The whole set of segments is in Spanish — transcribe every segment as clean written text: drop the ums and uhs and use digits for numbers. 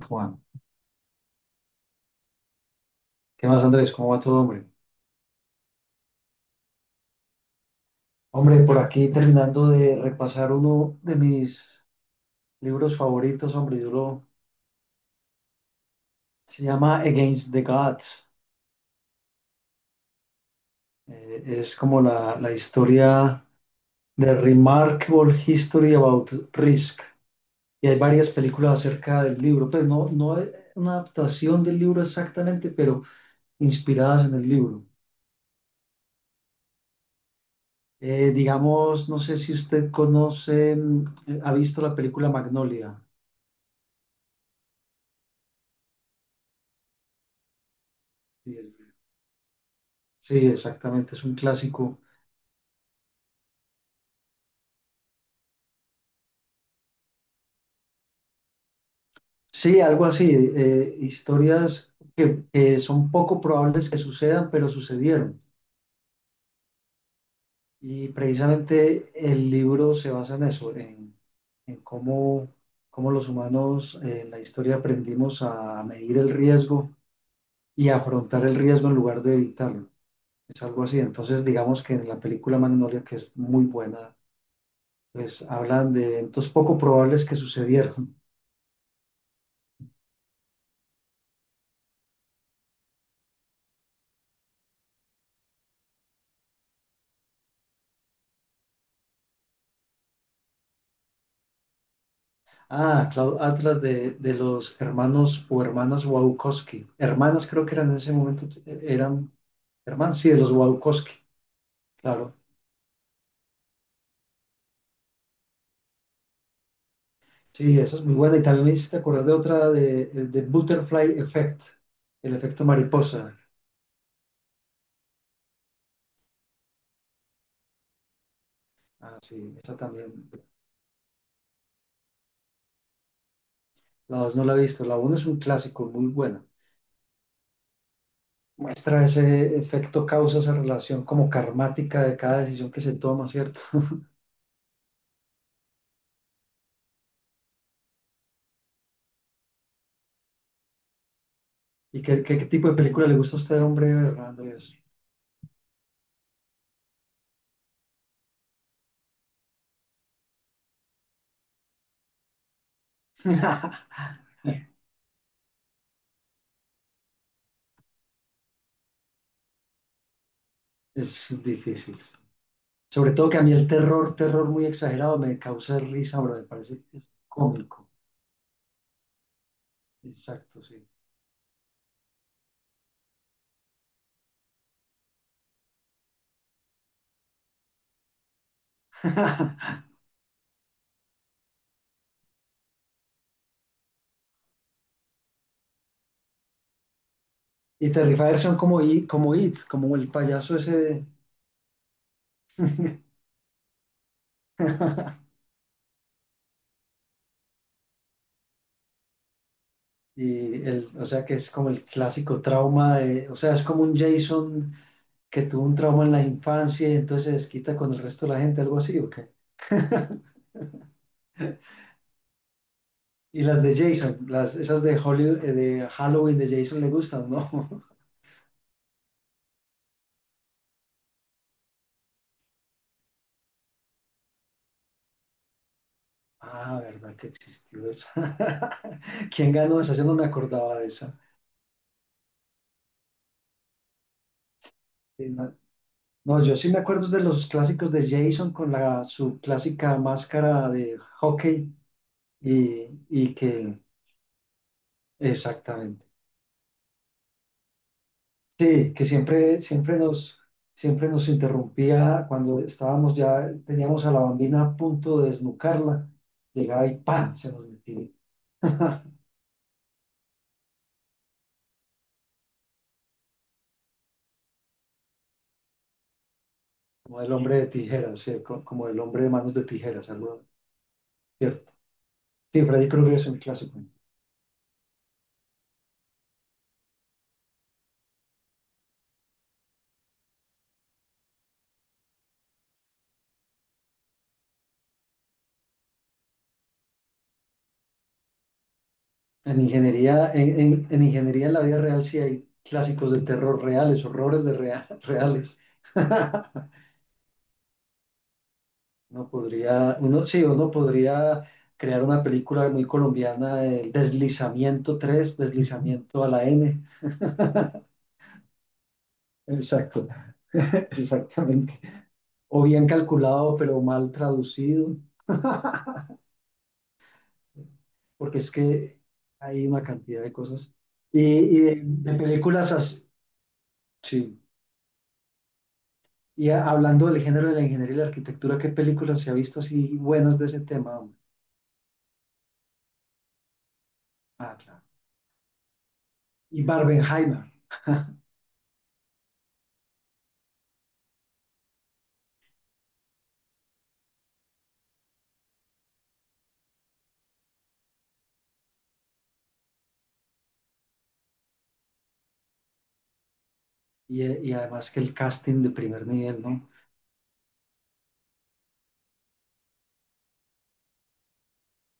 Juan, ¿qué más, Andrés? ¿Cómo va todo, hombre? Hombre, por aquí terminando de repasar uno de mis libros favoritos, hombre, se llama Against the Gods. Es como la historia de Remarkable History About Risk. Y hay varias películas acerca del libro, pues no es una adaptación del libro exactamente, pero inspiradas en el libro. Digamos, no sé si usted conoce, ha visto la película Magnolia. Sí, exactamente, es un clásico. Sí, algo así, historias que son poco probables que sucedan, pero sucedieron. Y precisamente el libro se basa en eso, en cómo, cómo los humanos en la historia aprendimos a medir el riesgo y a afrontar el riesgo en lugar de evitarlo. Es algo así. Entonces, digamos que en la película Magnolia, que es muy buena, pues hablan de eventos poco probables que sucedieron. Ah, Cloud Atlas de los hermanos o hermanas Wachowski. Hermanas creo que eran en ese momento, eran hermanas, sí, de los Wachowski, claro. Sí, esa es muy buena. Y también me hiciste acordar de otra de Butterfly Effect, el efecto mariposa. Ah, sí, esa también. La dos no la he visto. La uno es un clásico, muy buena. Muestra ese efecto causa, esa relación como karmática de cada decisión que se toma, ¿cierto? ¿Y qué tipo de película le gusta a usted, hombre, Hernando? ¿Y eso? es difícil. Sobre todo que a mí el terror, terror muy exagerado me causa risa, pero me parece que es cómico. Exacto, sí. Y Terrifier son como It, como It, como el payaso ese. De- Y el, o sea que es como el clásico trauma de, o sea, es como un Jason que tuvo un trauma en la infancia y entonces se desquita con el resto de la gente, algo así, ¿o qué? Y las de Jason, las, esas de Hollywood, de Halloween de Jason le gustan, ¿no? Ah, ¿verdad que existió esa? ¿Quién ganó esa? Yo no me acordaba de esa. Sí. No, no, yo sí me acuerdo de los clásicos de Jason con la, su clásica máscara de hockey y, y que, exactamente. Sí, que siempre nos interrumpía cuando estábamos ya, teníamos a la bambina a punto de desnucarla, llegaba y ¡pam! Se nos metía. Como el hombre de tijeras, sí, co- como el hombre de manos de tijeras, algo, ¿cierto? Sí, Freddy Krueger es un clásico. En ingeniería, en ingeniería en la vida real sí hay clásicos de terror reales, horrores de rea- reales. Uno podría, uno, sí, uno podría crear una película muy colombiana el Deslizamiento 3 Deslizamiento a la N. Exacto, exactamente. O bien calculado, pero mal traducido, porque es que hay una cantidad de cosas. Y, de películas así, sí. Y a- hablando del género de la ingeniería y la arquitectura, ¿qué películas se ha visto así buenas de ese tema, hombre? Ah, claro. Y Barbenheimer. Y además que el casting de primer nivel, ¿no?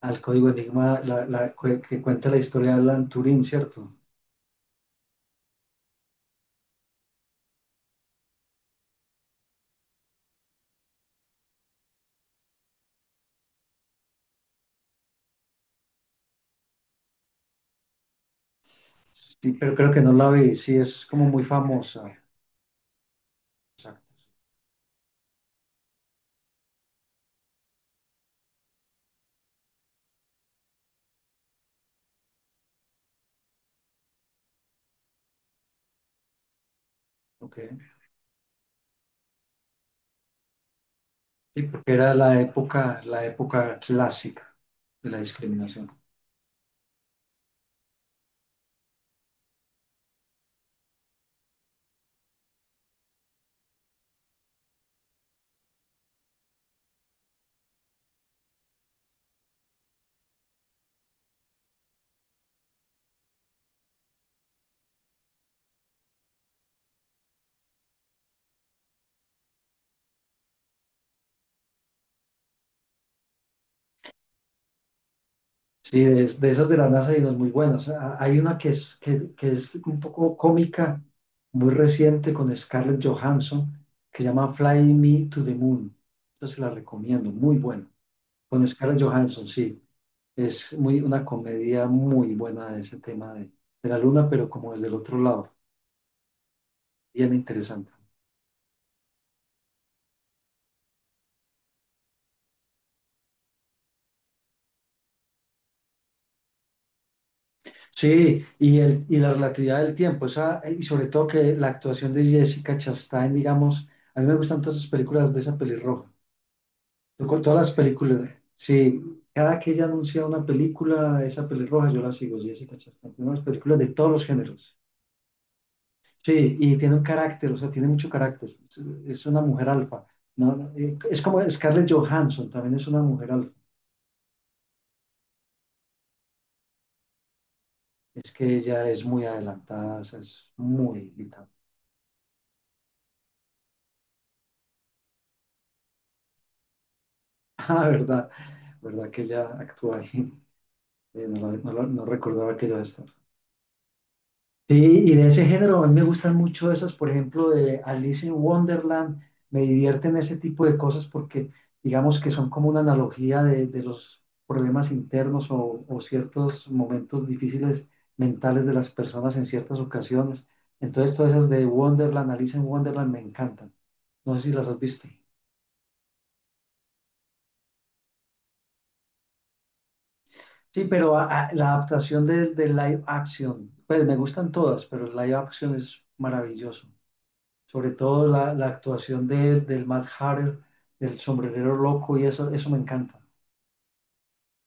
Al Código Enigma, que cuenta la historia de Alan Turing, ¿cierto? Sí, pero creo que no la vi. Sí, es como muy famosa. Exacto. Ok. Sí, porque era la época clásica de la discriminación. Sí, de, es- de esas de la NASA hay unas muy buenas. Ah, hay una que es, que es un poco cómica, muy reciente con Scarlett Johansson, que se llama Fly Me to the Moon. Entonces la recomiendo, muy buena. Con Scarlett Johansson, sí. Es muy, una comedia muy buena de ese tema de la luna, pero como desde el otro lado. Bien interesante. Sí, y la relatividad del tiempo, esa, y sobre todo que la actuación de Jessica Chastain, digamos, a mí me gustan todas esas películas de esa pelirroja. Yo con todas las películas, sí, cada que ella anuncia una película, esa pelirroja, yo la sigo, Jessica Chastain. Tiene unas películas de todos los géneros. Sí, y tiene un carácter, o sea, tiene mucho carácter. Es una mujer alfa. No, no, es como Scarlett Johansson, también es una mujer alfa. Es que ella es muy adelantada, o sea, es muy vital. Ah, verdad, verdad que ella actúa ahí. No, no recordaba que ella estaba. Sí, y de ese género, a mí me gustan mucho esas, por ejemplo, de Alice in Wonderland, me divierten ese tipo de cosas porque digamos que son como una analogía de los problemas internos o ciertos momentos difíciles mentales de las personas en ciertas ocasiones. Entonces, todas esas de Wonderland, Alice in Wonderland, me encantan. No sé si las has visto. Sí, pero la adaptación de live action, pues me gustan todas, pero el live action es maravilloso. Sobre todo la actuación del Mad Hatter, del sombrerero loco, y eso me encanta,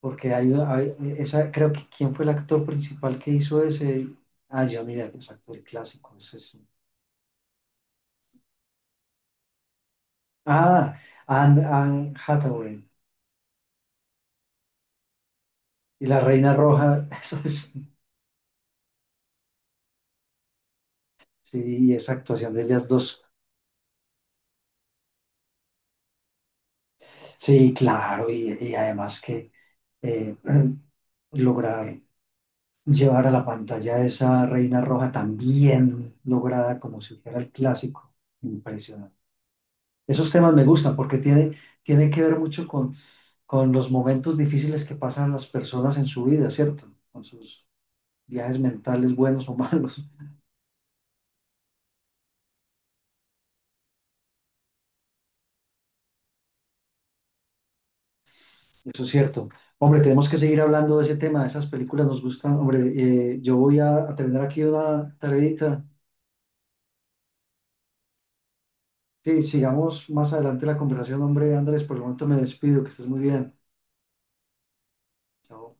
porque esa, creo que quién fue el actor principal que hizo ese, ah, Johnny Depp, es actor clásico, ese es- eso. Ah, Anne Hathaway, y la Reina Roja, eso es, sí, y esa actuación de ellas dos, sí, claro, y además que eh, lograr llevar a la pantalla esa reina roja tan bien lograda como si fuera el clásico. Impresionante. Esos temas me gustan porque tiene, tiene que ver mucho con los momentos difíciles que pasan las personas en su vida, ¿cierto? Con sus viajes mentales buenos o malos. Eso es cierto. Hombre, tenemos que seguir hablando de ese tema, de esas películas nos gustan. Hombre, yo voy a terminar aquí una tareita. Sí, sigamos más adelante la conversación, hombre, Andrés. Por el momento me despido, que estés muy bien. Chao.